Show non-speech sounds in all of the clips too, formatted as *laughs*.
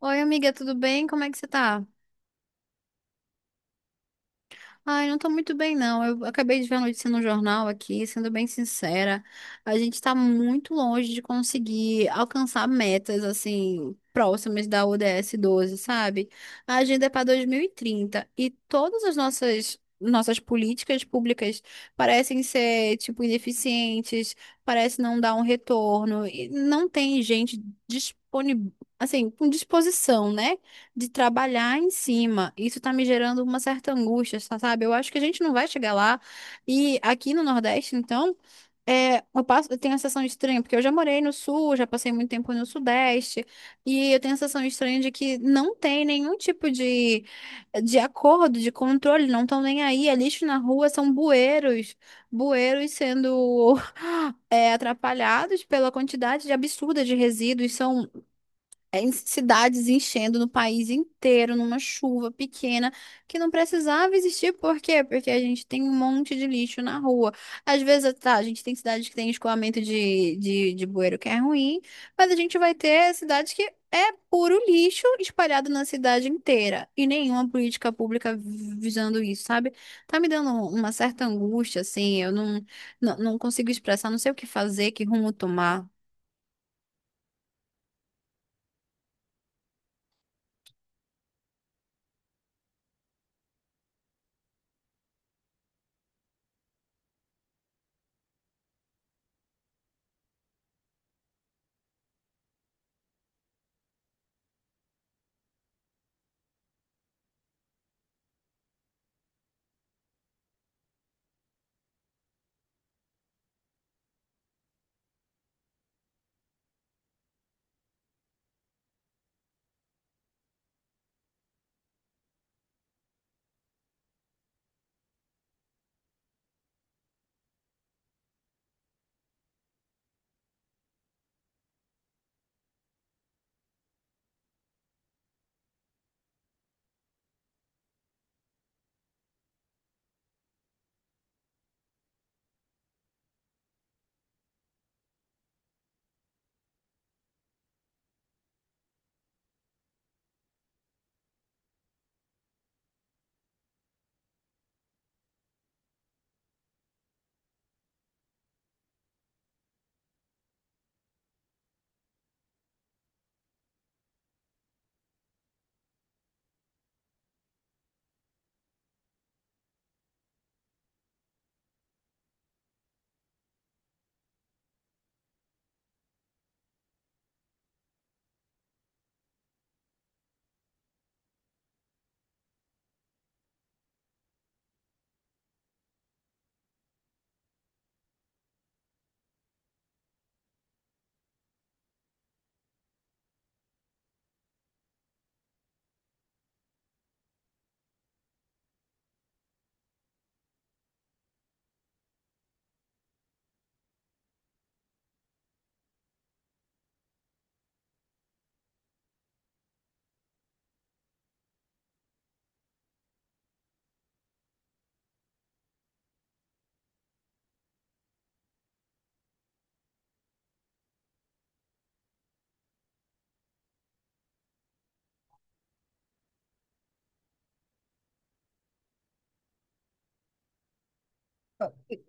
Oi, amiga, tudo bem? Como é que você tá? Ai, não tô muito bem, não. Eu acabei de ver a notícia no jornal aqui, sendo bem sincera, a gente tá muito longe de conseguir alcançar metas, assim, próximas da ODS 12, sabe? A agenda é para 2030 e trinta e todas as nossas políticas públicas parecem ser, tipo, ineficientes, parece não dar um retorno e não tem gente disponível, assim, com disposição, né? De trabalhar em cima. Isso tá me gerando uma certa angústia, sabe? Eu acho que a gente não vai chegar lá. E aqui no Nordeste, então, eu passo, eu tenho a sensação estranha, porque eu já morei no Sul, já passei muito tempo no Sudeste, e eu tenho a sensação estranha de que não tem nenhum tipo de acordo, de controle, não estão nem aí. É lixo na rua, são bueiros, bueiros sendo *laughs* atrapalhados pela quantidade de absurda de resíduos. São em cidades enchendo no país inteiro, numa chuva pequena, que não precisava existir. Por quê? Porque a gente tem um monte de lixo na rua. Às vezes, tá, a gente tem cidades que tem escoamento de bueiro que é ruim, mas a gente vai ter cidades que é puro lixo espalhado na cidade inteira. E nenhuma política pública visando isso, sabe? Tá me dando uma certa angústia, assim, eu não, não, não consigo expressar, não sei o que fazer, que rumo tomar.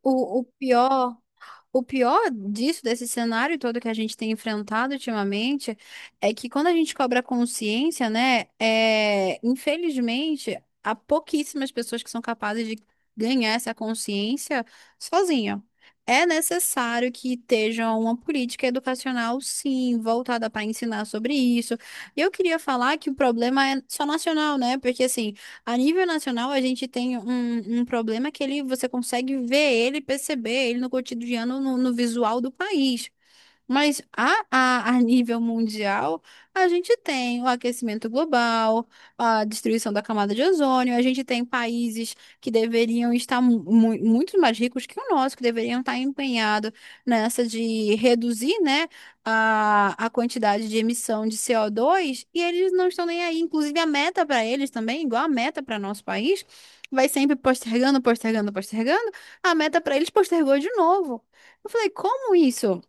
O, o pior. O pior disso, desse cenário todo que a gente tem enfrentado ultimamente, é que quando a gente cobra consciência, né, infelizmente, há pouquíssimas pessoas que são capazes de ganhar essa consciência sozinha. É necessário que esteja uma política educacional, sim, voltada para ensinar sobre isso. E eu queria falar que o problema é só nacional, né? Porque assim. A nível nacional, a gente tem um problema que ele, você consegue ver ele, perceber ele no cotidiano, no visual do país. Mas a nível mundial, a gente tem o aquecimento global, a destruição da camada de ozônio, a gente tem países que deveriam estar muito mais ricos que o nosso, que deveriam estar empenhados nessa de reduzir, né, a quantidade de emissão de CO2, e eles não estão nem aí. Inclusive, a meta para eles também, igual a meta para nosso país, vai sempre postergando, postergando, postergando, a meta para eles postergou de novo. Eu falei, como isso?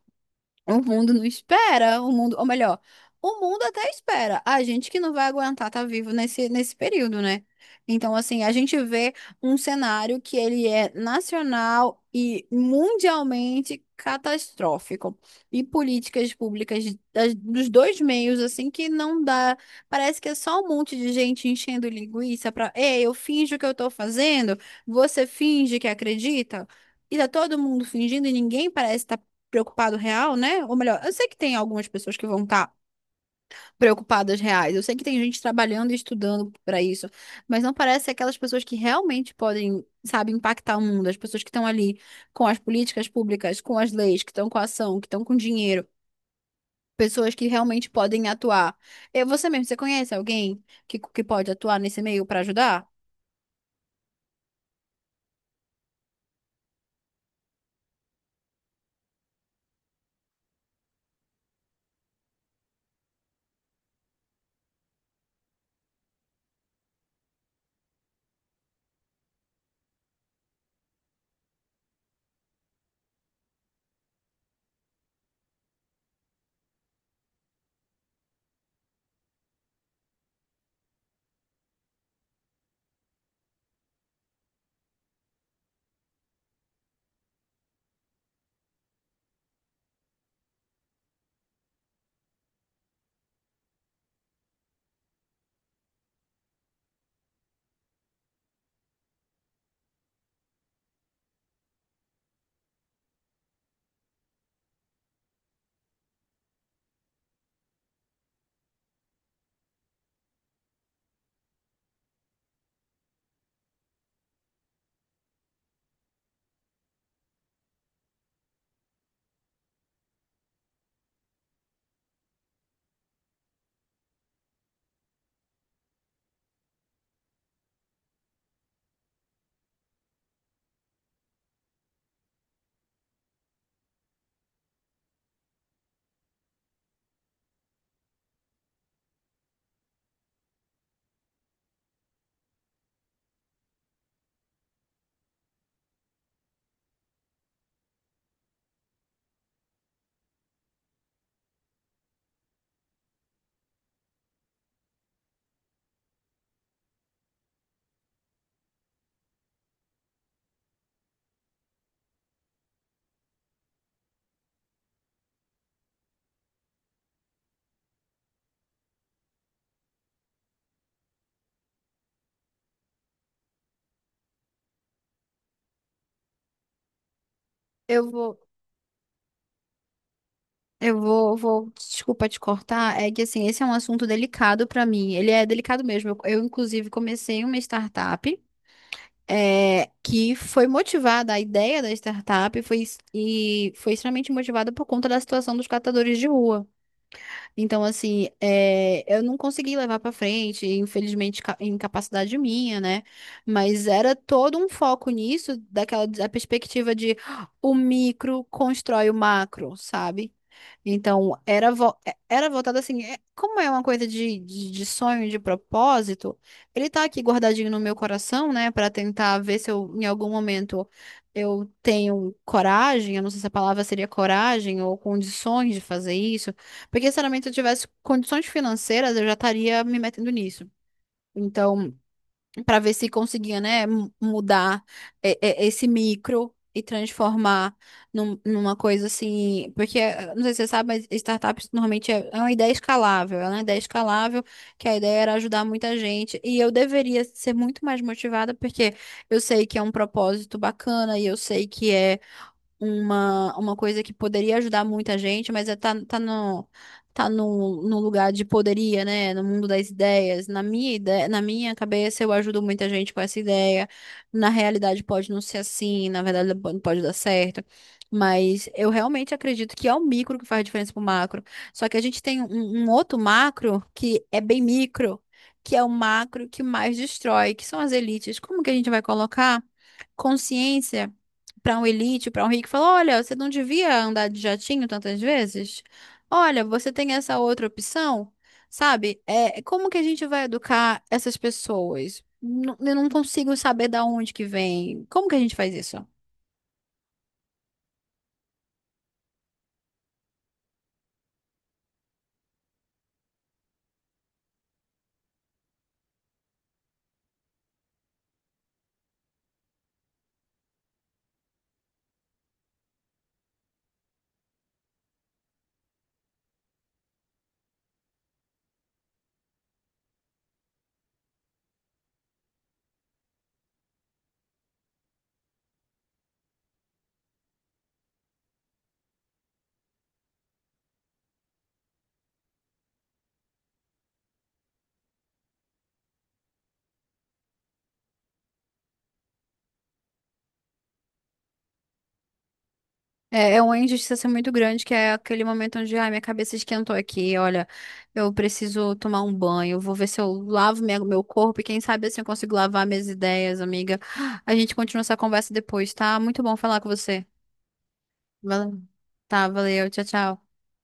O mundo não espera, o mundo, ou melhor, o mundo até espera. A gente que não vai aguentar estar vivo nesse, nesse período, né? Então, assim, a gente vê um cenário que ele é nacional e mundialmente catastrófico. E políticas públicas dos dois meios, assim, que não dá. Parece que é só um monte de gente enchendo linguiça pra, ei, eu finjo que eu tô fazendo, você finge que acredita. E tá todo mundo fingindo e ninguém parece estar preocupado real, né? Ou melhor, eu sei que tem algumas pessoas que vão estar preocupadas reais. Eu sei que tem gente trabalhando e estudando para isso, mas não parece aquelas pessoas que realmente podem, sabe, impactar o mundo, as pessoas que estão ali com as políticas públicas, com as leis, que estão com a ação, que estão com dinheiro. Pessoas que realmente podem atuar. Eu, você mesmo, você conhece alguém que pode atuar nesse meio para ajudar? Eu vou. Eu vou, desculpa te cortar, é que assim, esse é um assunto delicado pra mim. Ele é delicado mesmo. Eu, inclusive, comecei uma startup que foi motivada, a ideia da startup foi, e foi extremamente motivada por conta da situação dos catadores de rua. Então, assim, é, eu não consegui levar pra frente, infelizmente, incapacidade minha, né? Mas era todo um foco nisso, daquela da perspectiva de "Ah, o micro constrói o macro, sabe? Então, era, era voltado assim, é- como é uma coisa de sonho, de propósito, ele tá aqui guardadinho no meu coração, né, pra tentar ver se eu, em algum momento, eu tenho coragem, eu não sei se a palavra seria coragem ou condições de fazer isso. Porque, sinceramente, se realmente eu tivesse condições financeiras, eu já estaria me metendo nisso. Então, para ver se conseguia, né, mudar esse micro e transformar numa coisa assim. Porque, não sei se você sabe, mas startups normalmente é uma ideia escalável. É uma ideia escalável, que a ideia era ajudar muita gente. E eu deveria ser muito mais motivada, porque eu sei que é um propósito bacana e eu sei que é uma coisa que poderia ajudar muita gente, mas tá no, no lugar de poderia, né? No mundo das ideias. Na minha ideia, na minha cabeça, eu ajudo muita gente com essa ideia. Na realidade, pode não ser assim, na verdade, não pode dar certo. Mas eu realmente acredito que é o micro que faz diferença pro macro. Só que a gente tem um outro macro que é bem micro, que é o macro que mais destrói, que são as elites. Como que a gente vai colocar consciência? Para um elite, para um rico, falou: olha, você não devia andar de jatinho tantas vezes? Olha, você tem essa outra opção, sabe? É, como que a gente vai educar essas pessoas? Eu não consigo saber da onde que vem. Como que a gente faz isso? É, é uma injustiça assim, muito grande, que é aquele momento onde, ai, minha cabeça esquentou aqui, olha, eu preciso tomar um banho, eu vou ver se eu lavo meu corpo e quem sabe assim eu consigo lavar minhas ideias, amiga. A gente continua essa conversa depois, tá? Muito bom falar com você. Valeu. Tá, valeu. Tchau, tchau.